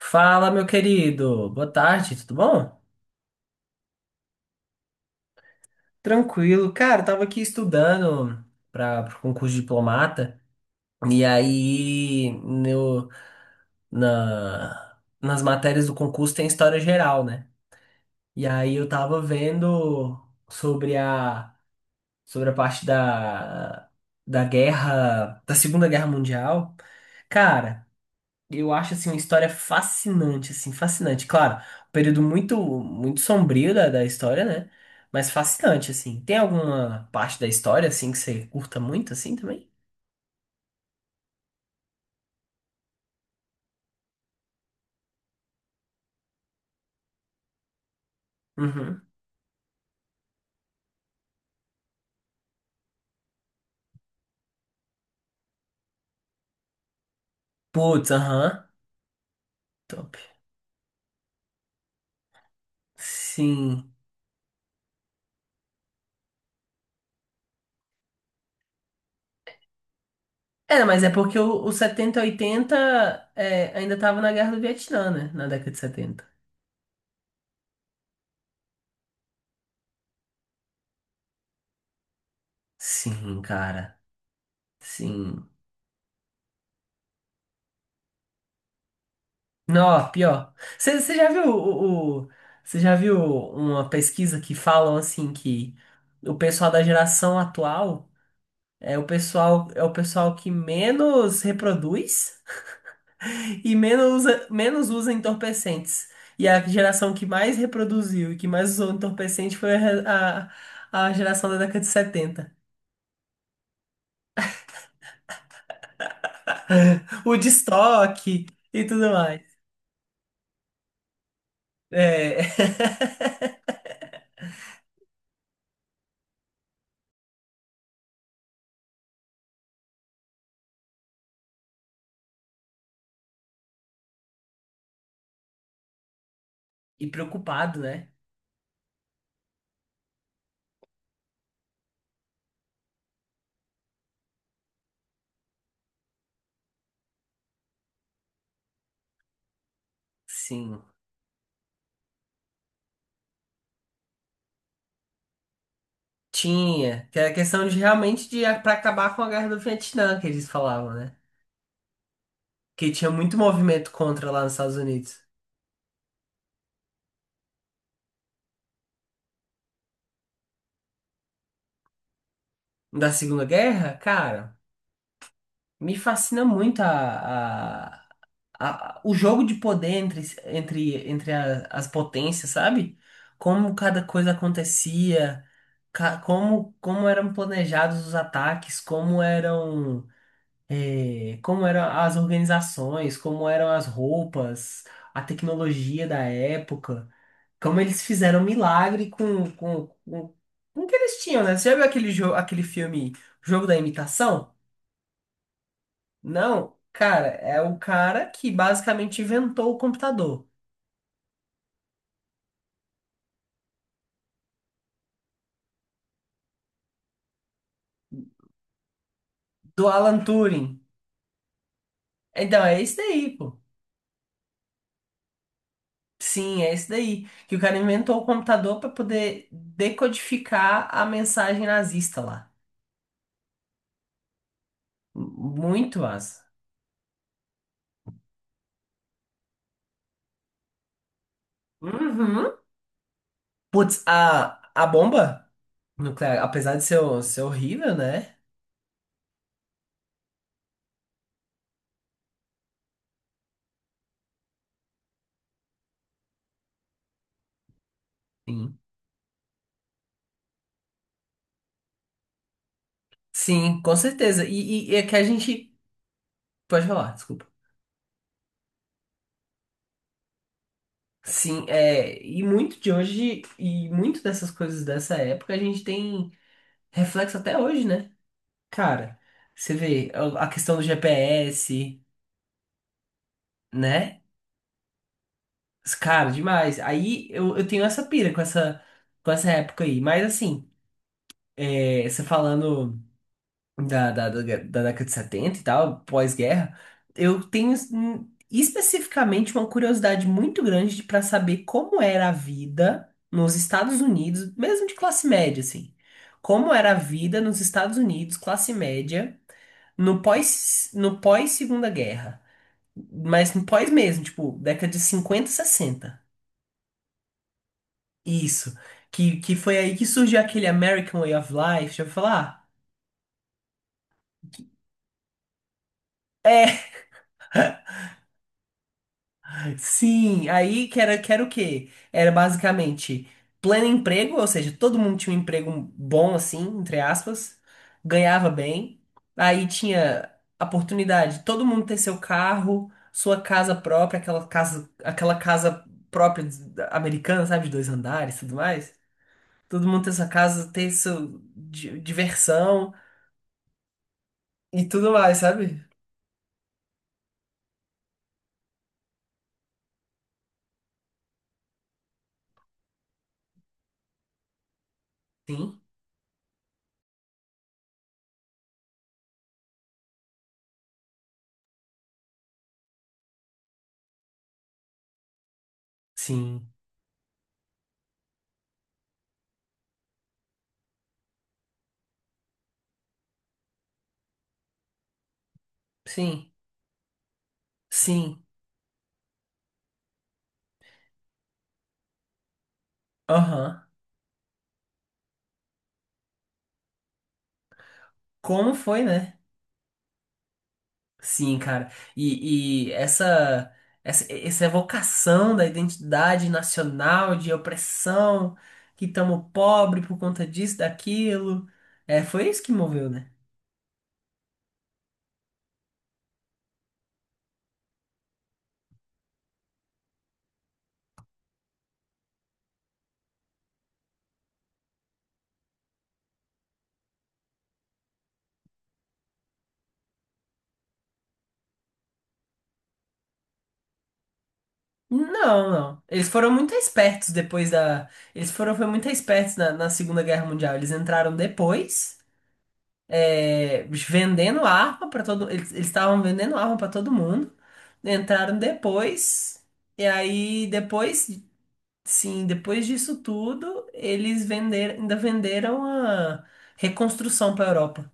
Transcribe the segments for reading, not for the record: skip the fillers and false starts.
Fala, meu querido. Boa tarde, tudo bom? Tranquilo. Cara, eu tava aqui estudando para o concurso de diplomata. E aí, no, na, nas matérias do concurso tem história geral, né? E aí eu tava vendo sobre a, sobre a parte da Segunda Guerra Mundial. Cara. Eu acho assim uma história fascinante, assim, fascinante. Claro, um período muito muito sombrio da história, né? Mas fascinante assim. Tem alguma parte da história assim que você curta muito assim também? Uhum. Putz, aham. Top. Sim. É, mas é porque o 70 e 80 é, ainda tava na Guerra do Vietnã, né? Na década de setenta. Sim, cara. Sim. Não, pior. Você você já viu o- você já viu uma pesquisa que falam assim que o pessoal da geração atual é o pessoal que menos reproduz e menos usa entorpecentes. E a geração que mais reproduziu e que mais usou entorpecente foi a geração da década de setenta. O de estoque e tudo mais. É, e preocupado, né? Sim. Tinha, que era questão de realmente de para acabar com a guerra do Vietnã, que eles falavam, né? Que tinha muito movimento contra lá nos Estados Unidos. Da Segunda Guerra, cara, me fascina muito o jogo de poder entre as potências, sabe? Como cada coisa acontecia, como eram planejados os ataques, como eram. Como eram as organizações, como eram as roupas, a tecnologia da época, como eles fizeram milagre com o que eles tinham, né? Você já viu aquele filme Jogo da Imitação? Não, cara, é o cara que basicamente inventou o computador, do Alan Turing. Então, é isso daí, pô. Sim, é isso daí. Que o cara inventou o computador para poder decodificar a mensagem nazista lá. Muito massa. Uhum. Putz, a bomba nuclear, apesar de ser horrível, né? Sim. Sim, com certeza. E é que a gente. Pode falar, desculpa. Sim, é, e muito de hoje, e muito dessas coisas dessa época, a gente tem reflexo até hoje, né? Cara, você vê a questão do GPS, né? Cara, demais. Aí eu tenho essa pira com essa época aí. Mas assim, você falando. Da década de 70 e tal, pós-guerra, eu tenho especificamente uma curiosidade muito grande para saber como era a vida nos Estados Unidos, mesmo de classe média, assim. Como era a vida nos Estados Unidos, classe média, no pós-Segunda Guerra. Mas no pós mesmo, tipo, década de 50 sessenta. Isso. Que foi aí que surgiu aquele American Way of Life, já vou falar? É. Sim, aí que era o quê? Era basicamente pleno emprego, ou seja, todo mundo tinha um emprego bom, assim, entre aspas, ganhava bem. Aí tinha a oportunidade de todo mundo ter seu carro, sua casa própria, aquela casa própria americana, sabe, de dois andares e tudo mais. Todo mundo ter sua casa, ter sua diversão e tudo mais, sabe? Sim, sim, sim, sim, aham. Como foi, né? Sim, cara. E, e essa, essa evocação da identidade nacional, de opressão, que estamos pobre por conta disso, daquilo, foi isso que moveu, né? Não, não. Eles foram muito espertos depois da. Eles foram foi muito espertos na Segunda Guerra Mundial. Eles entraram depois, vendendo arma para todo. Eles estavam vendendo arma para todo mundo. Entraram depois. E aí, depois Sim, depois disso tudo, eles ainda venderam a reconstrução para a Europa.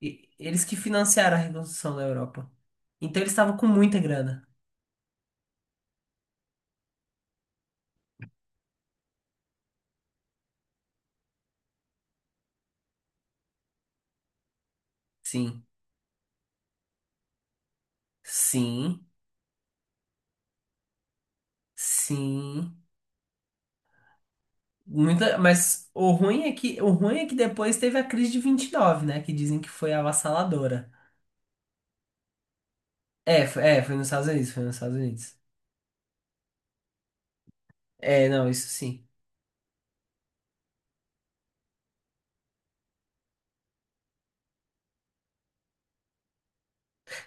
Eles que financiaram a reconstrução da Europa. Então eles estavam com muita grana. Sim, sim, sim. Muita, mas o ruim é que depois teve a crise de 29, né, que dizem que foi avassaladora. É, foi nos Estados Unidos, foi nos Estados Unidos. É, não, isso sim.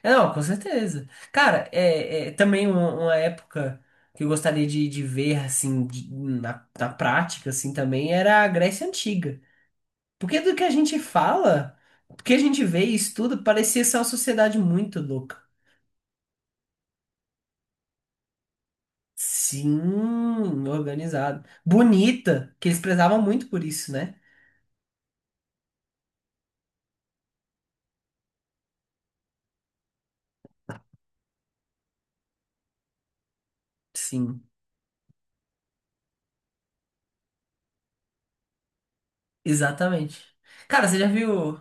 É, não, com certeza. Cara, é também uma época que eu gostaria de ver, assim, na prática, assim, também era a Grécia Antiga. Porque do que a gente fala, do que a gente vê e estuda, parecia ser uma sociedade muito louca. Sim, organizada. Bonita, que eles prezavam muito por isso, né? Sim, exatamente. Cara, você já viu.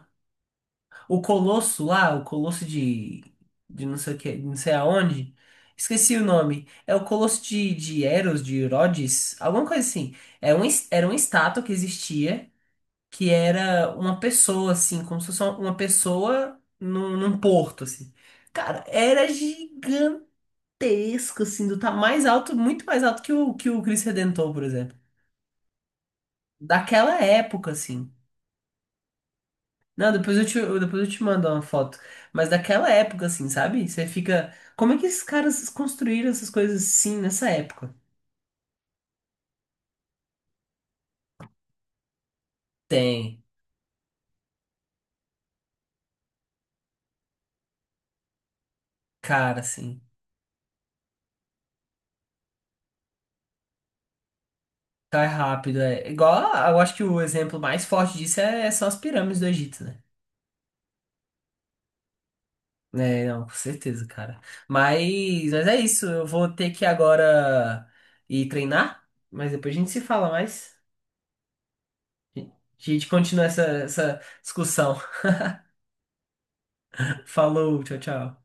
O Colosso lá, o Colosso de não sei o que, não sei aonde. Esqueci o nome. É o Colosso de Eros, de Rhodes, alguma coisa assim. Era uma estátua que existia, que era uma pessoa, assim, como se fosse uma pessoa num porto, assim. Cara, era gigantesco, assim, do tá mais alto, muito mais alto que o Cristo Redentor, por exemplo. Daquela época, assim. Não, depois eu te mando uma foto. Mas daquela época, assim, sabe? Você fica. Como é que esses caras construíram essas coisas assim nessa época? Tem, cara, assim. Tá rápido, é. Igual, eu acho que o exemplo mais forte disso são as pirâmides do Egito, né? É, não, com certeza, cara. Mas é isso. Eu vou ter que agora ir treinar. Mas depois a gente se fala mais. A gente continua essa discussão. Falou, tchau, tchau.